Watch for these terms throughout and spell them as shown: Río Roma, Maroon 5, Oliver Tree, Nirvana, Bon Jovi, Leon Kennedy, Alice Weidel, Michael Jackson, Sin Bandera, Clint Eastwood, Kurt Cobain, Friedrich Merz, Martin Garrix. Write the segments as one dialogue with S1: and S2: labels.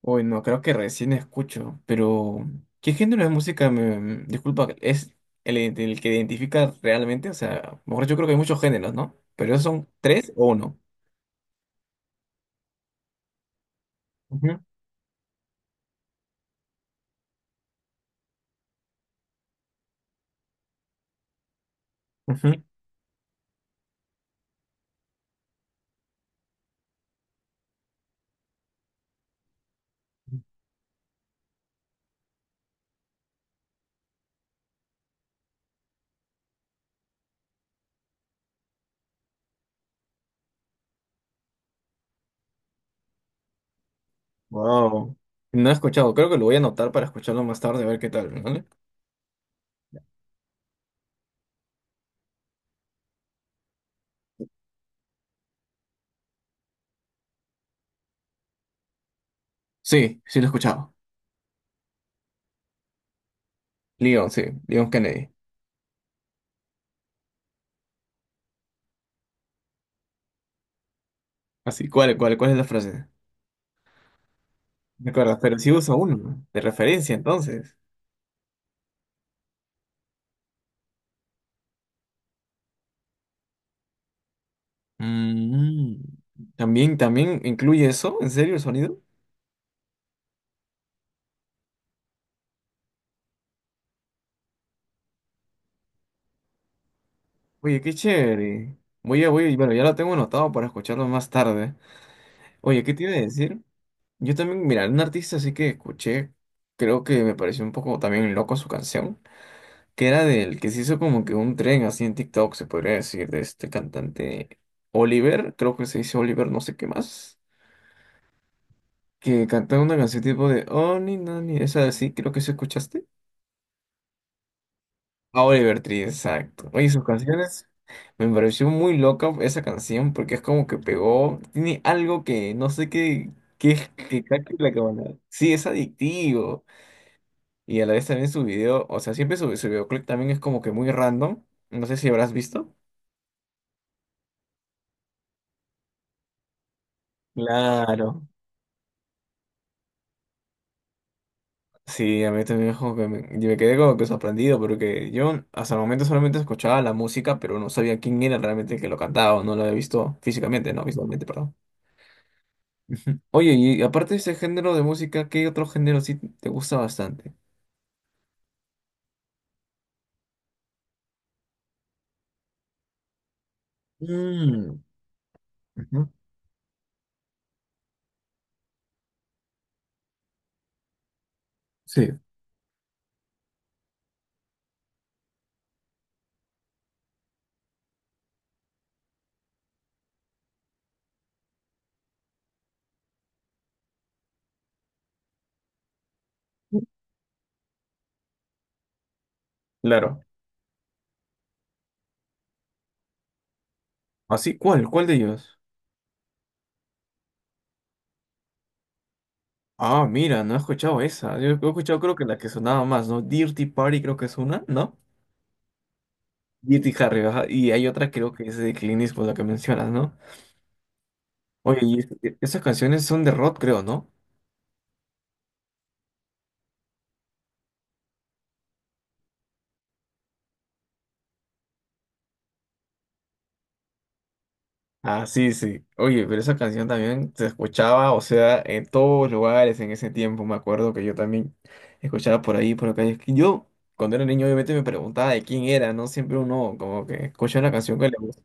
S1: Uy, no, creo que recién escucho, pero ¿qué género de música me... Disculpa, ¿es el que identifica realmente? O sea, mejor yo creo que hay muchos géneros, ¿no? Pero esos son tres o uno. Ujú, ujú. Wow. No he escuchado, creo que lo voy a anotar para escucharlo más tarde, a ver qué tal, ¿vale? Sí, sí lo he escuchado. Leon, sí, Leon Kennedy. Así, ¿cuál es la frase? ¿De acuerdo? Pero sí usa uno, de referencia, entonces. Mm, ¿también incluye eso? ¿En serio el sonido? Oye, qué chévere. Bueno, ya lo tengo anotado para escucharlo más tarde. Oye, ¿qué te iba a decir? Yo también, mira, un artista así que escuché, creo que me pareció un poco también loco su canción, que era del que se hizo como que un tren así en TikTok, se podría decir, de este cantante Oliver, creo que se dice Oliver no sé qué más, que cantaba una canción tipo de Oh, ni, no, ni, esa así, creo que se escuchaste. A Oliver Tree, exacto. Oye, sus canciones me pareció muy loca esa canción porque es como que pegó, tiene algo que no sé qué, qué es que cacha la cabana. Sí, es adictivo. Y a la vez también su video, o sea, siempre su videoclip también es como que muy random. No sé si habrás visto. Claro. Sí, a mí también es como que yo me quedé como que sorprendido porque yo hasta el momento solamente escuchaba la música, pero no sabía quién era realmente el que lo cantaba, o no lo había visto físicamente, no, visualmente, perdón. Oye, y aparte de ese género de música, ¿qué otro género sí te gusta bastante? Mm, ujú, sí. Claro. Así, ¿cuál? ¿Cuál de ellos? Ah, mira, no he escuchado esa. Yo he escuchado creo que la que sonaba más, ¿no? Dirty Party creo que es una, ¿no? Dirty Harry, ajá. Y hay otra creo que es de Clint Eastwood, la que mencionas, ¿no? Oye, y esas canciones son de rock, creo, ¿no? Ah, sí, sí. Oye, pero esa canción también se escuchaba, o sea, en todos lugares en ese tiempo. Me acuerdo que yo también escuchaba por ahí, por acá. Y es que yo, cuando era niño, obviamente me preguntaba de quién era, ¿no? Siempre uno como que escucha una canción que le gusta.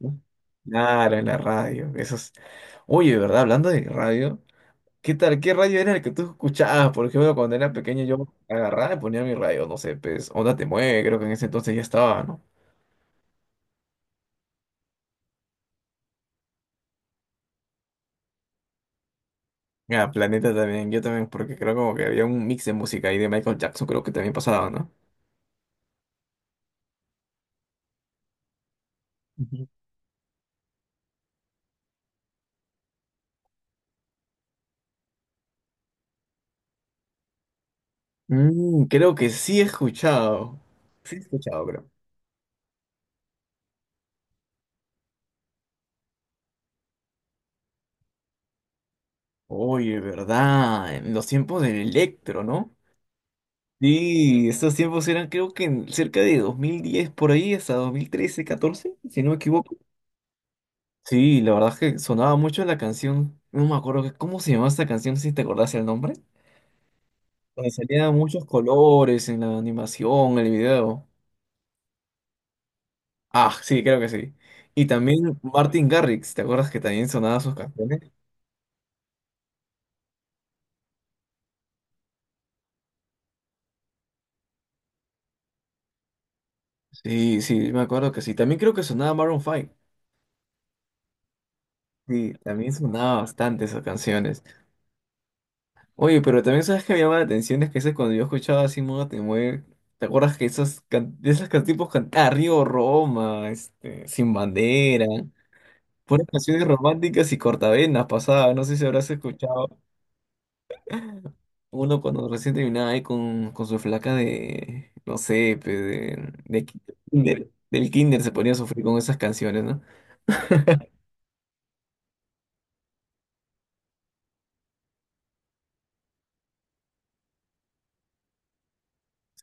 S1: Claro, en la radio. Eso es... Oye, de verdad, hablando de radio, ¿qué tal? ¿Qué radio era el que tú escuchabas? Por ejemplo, cuando era pequeño yo agarraba y ponía mi radio, no sé, pues, Onda Te Mueve, creo que en ese entonces ya estaba, ¿no? Ah, Planeta también, yo también, porque creo como que había un mix de música ahí de Michael Jackson, creo que también pasaba, ¿no? Ujú. Mm, creo que sí he escuchado. Sí he escuchado, creo. Oye, ¿verdad? En los tiempos del Electro, ¿no? Sí, estos tiempos eran creo que en cerca de 2010 por ahí, hasta 2013 14 si no me equivoco. Sí, la verdad es que sonaba mucho la canción. No me acuerdo que- cómo se llamaba esta canción, si te acordás el nombre. Donde salían muchos colores en la animación, en el video. Ah, sí, creo que sí. Y también Martin Garrix, ¿te acuerdas que también sonaba sus canciones? Sí, sí, me acuerdo que sí. También creo que sonaba Maroon 5. Sí, también sonaba bastante esas canciones. Oye, pero también sabes que me llama la atención es que ese cuando yo escuchaba así Moda Te Mueve, ¿te acuerdas que esos tipos cantaban Río Roma, este, Sin Bandera, puras canciones románticas y cortavenas pasadas, no sé si habrás escuchado. Uno cuando recién terminaba ahí con su flaca de, no sé, pe, kinder, del kinder se ponía a sufrir con esas canciones, ¿no?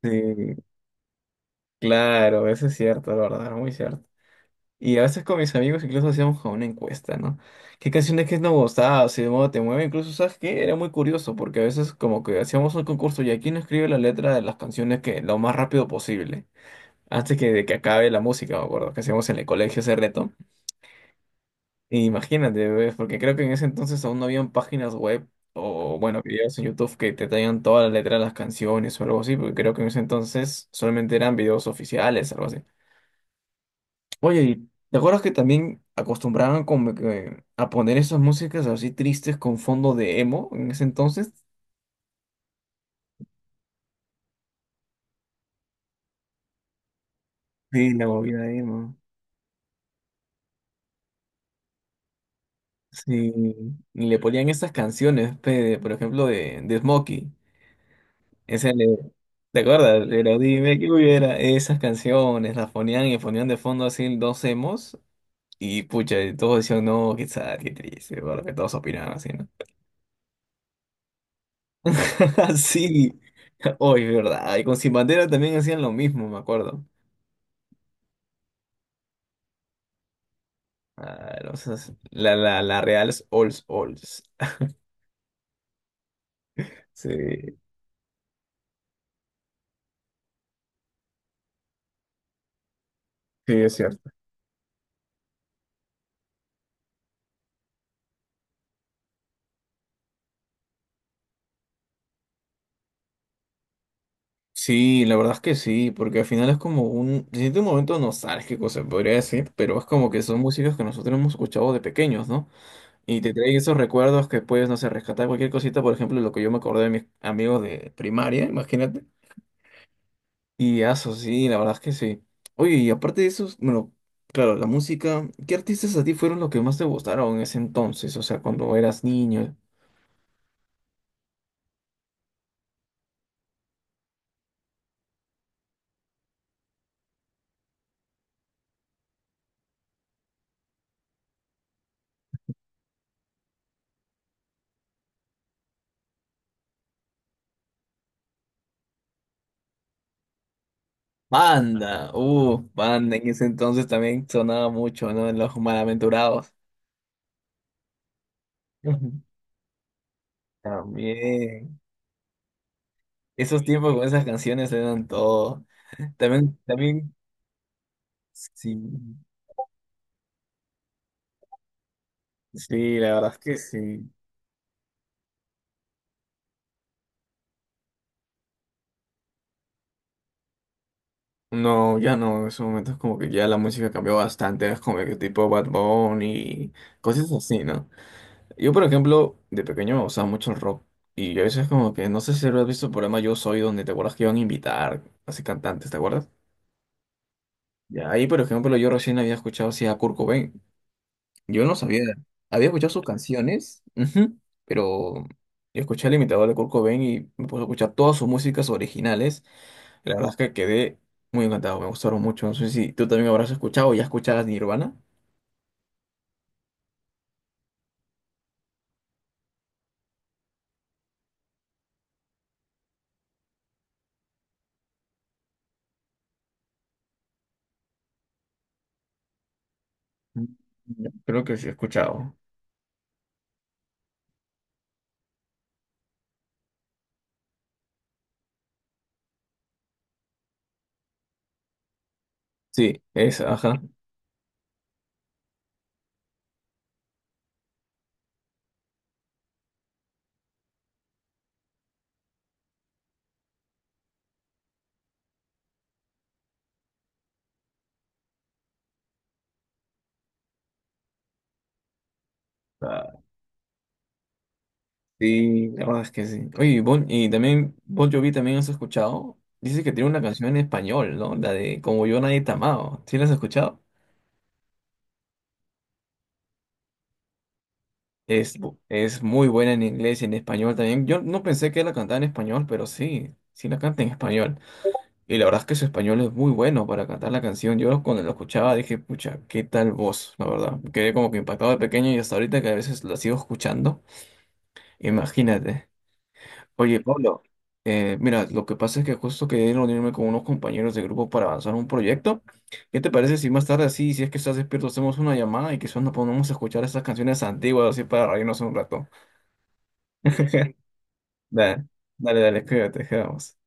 S1: Sí, claro, eso es cierto, la verdad, muy cierto. Y a veces con mis amigos incluso hacíamos como una encuesta, ¿no? ¿Qué canciones que nos gustaba? O si de modo te mueve, incluso, ¿sabes qué? Era muy curioso, porque a veces como que hacíamos un concurso y aquí no escribe la letra de las canciones que lo más rápido posible, antes que, de que acabe la música, me acuerdo, que hacíamos en el colegio ese reto. Imagínate, ¿ves? Porque creo que en ese entonces aún no habían páginas web o, bueno, videos en YouTube que te traigan toda la letra de las canciones o algo así, porque creo que en ese entonces solamente eran videos oficiales, algo así. Oye, ¿y ¿te acuerdas que también acostumbraban como que a poner esas músicas así tristes con fondo de emo en ese entonces? Sí, la movida emo. Sí, y le ponían estas canciones, pe, de- por ejemplo, de Smokey. Ese le- ¿Te acuerdas? Pero dime que hubiera esas canciones, las ponían y ponían de fondo así dos emos y pucha, y todos decían, no, qué sad, qué triste, porque todos opinaban así, ¿no? Sí, hoy, ¿verdad? Y con Sin Bandera también hacían lo mismo, me acuerdo. Ah, no sé, la Real Ols Ols. Sí, sí, es cierto. Sí, la verdad es que sí, porque al final es como un, se siente un momento nostálgico, se podría decir, pero es como que son músicas que nosotros hemos escuchado de pequeños, ¿no? Y te traen esos recuerdos que puedes, no sé, rescatar cualquier cosita, por ejemplo, lo que yo me acordé de mis amigos de primaria, imagínate. Y eso, sí, la verdad es que sí. Oye, y aparte de eso, bueno, claro, la música, ¿qué artistas a ti fueron los que más te gustaron en ese entonces? O sea, cuando eras niño. Banda, banda, en ese entonces también sonaba mucho, ¿no? En Los Malaventurados. Ujú. También. Esos tiempos con esas canciones eran todo. También, también, sí, sí, la verdad es que sí. No, ya no, en esos momentos como que ya la música cambió bastante, es como que tipo Bad Bunny y cosas así, ¿no? Yo, por ejemplo, de pequeño me gustaba mucho el rock y a veces como que, no sé si lo has visto el programa Yo Soy, donde te acuerdas que iban a invitar así cantantes, ¿te acuerdas? Y ahí, por ejemplo, yo recién había escuchado así a Kurt Cobain, yo no sabía, había escuchado sus canciones, ujú, pero yo escuché al imitador de Kurt Cobain y me puse a escuchar todas sus músicas originales la verdad es que quedé muy encantado, me gustaron mucho. No sé si tú también habrás escuchado o ya escucharás Nirvana. Mm. Creo que sí he escuchado. Sí, es, ajá. Ah, sí, la verdad es que sí. Oye, y Bon Jovi también has escuchado. Dice que tiene una canción en español, ¿no? La de Como yo nadie te ha amado. ¿Sí la has escuchado? Es muy buena en inglés y en español también. Yo no pensé que la cantaba en español, pero sí, sí la canta en español. Y la verdad es que su español es muy bueno para cantar la canción. Yo cuando lo escuchaba dije, pucha, qué tal voz, la verdad. Quedé como que impactado de pequeño y hasta ahorita que a veces la sigo escuchando. Imagínate. Oye, Pablo, mira, lo que pasa es que justo quería reunirme con unos compañeros de grupo para avanzar un proyecto. ¿Qué te parece si más tarde así, si es que estás despierto, hacemos una llamada y quizás nos ponemos a escuchar esas canciones antiguas así para reírnos un rato? Dale, dale, dale, cuídate, quedamos.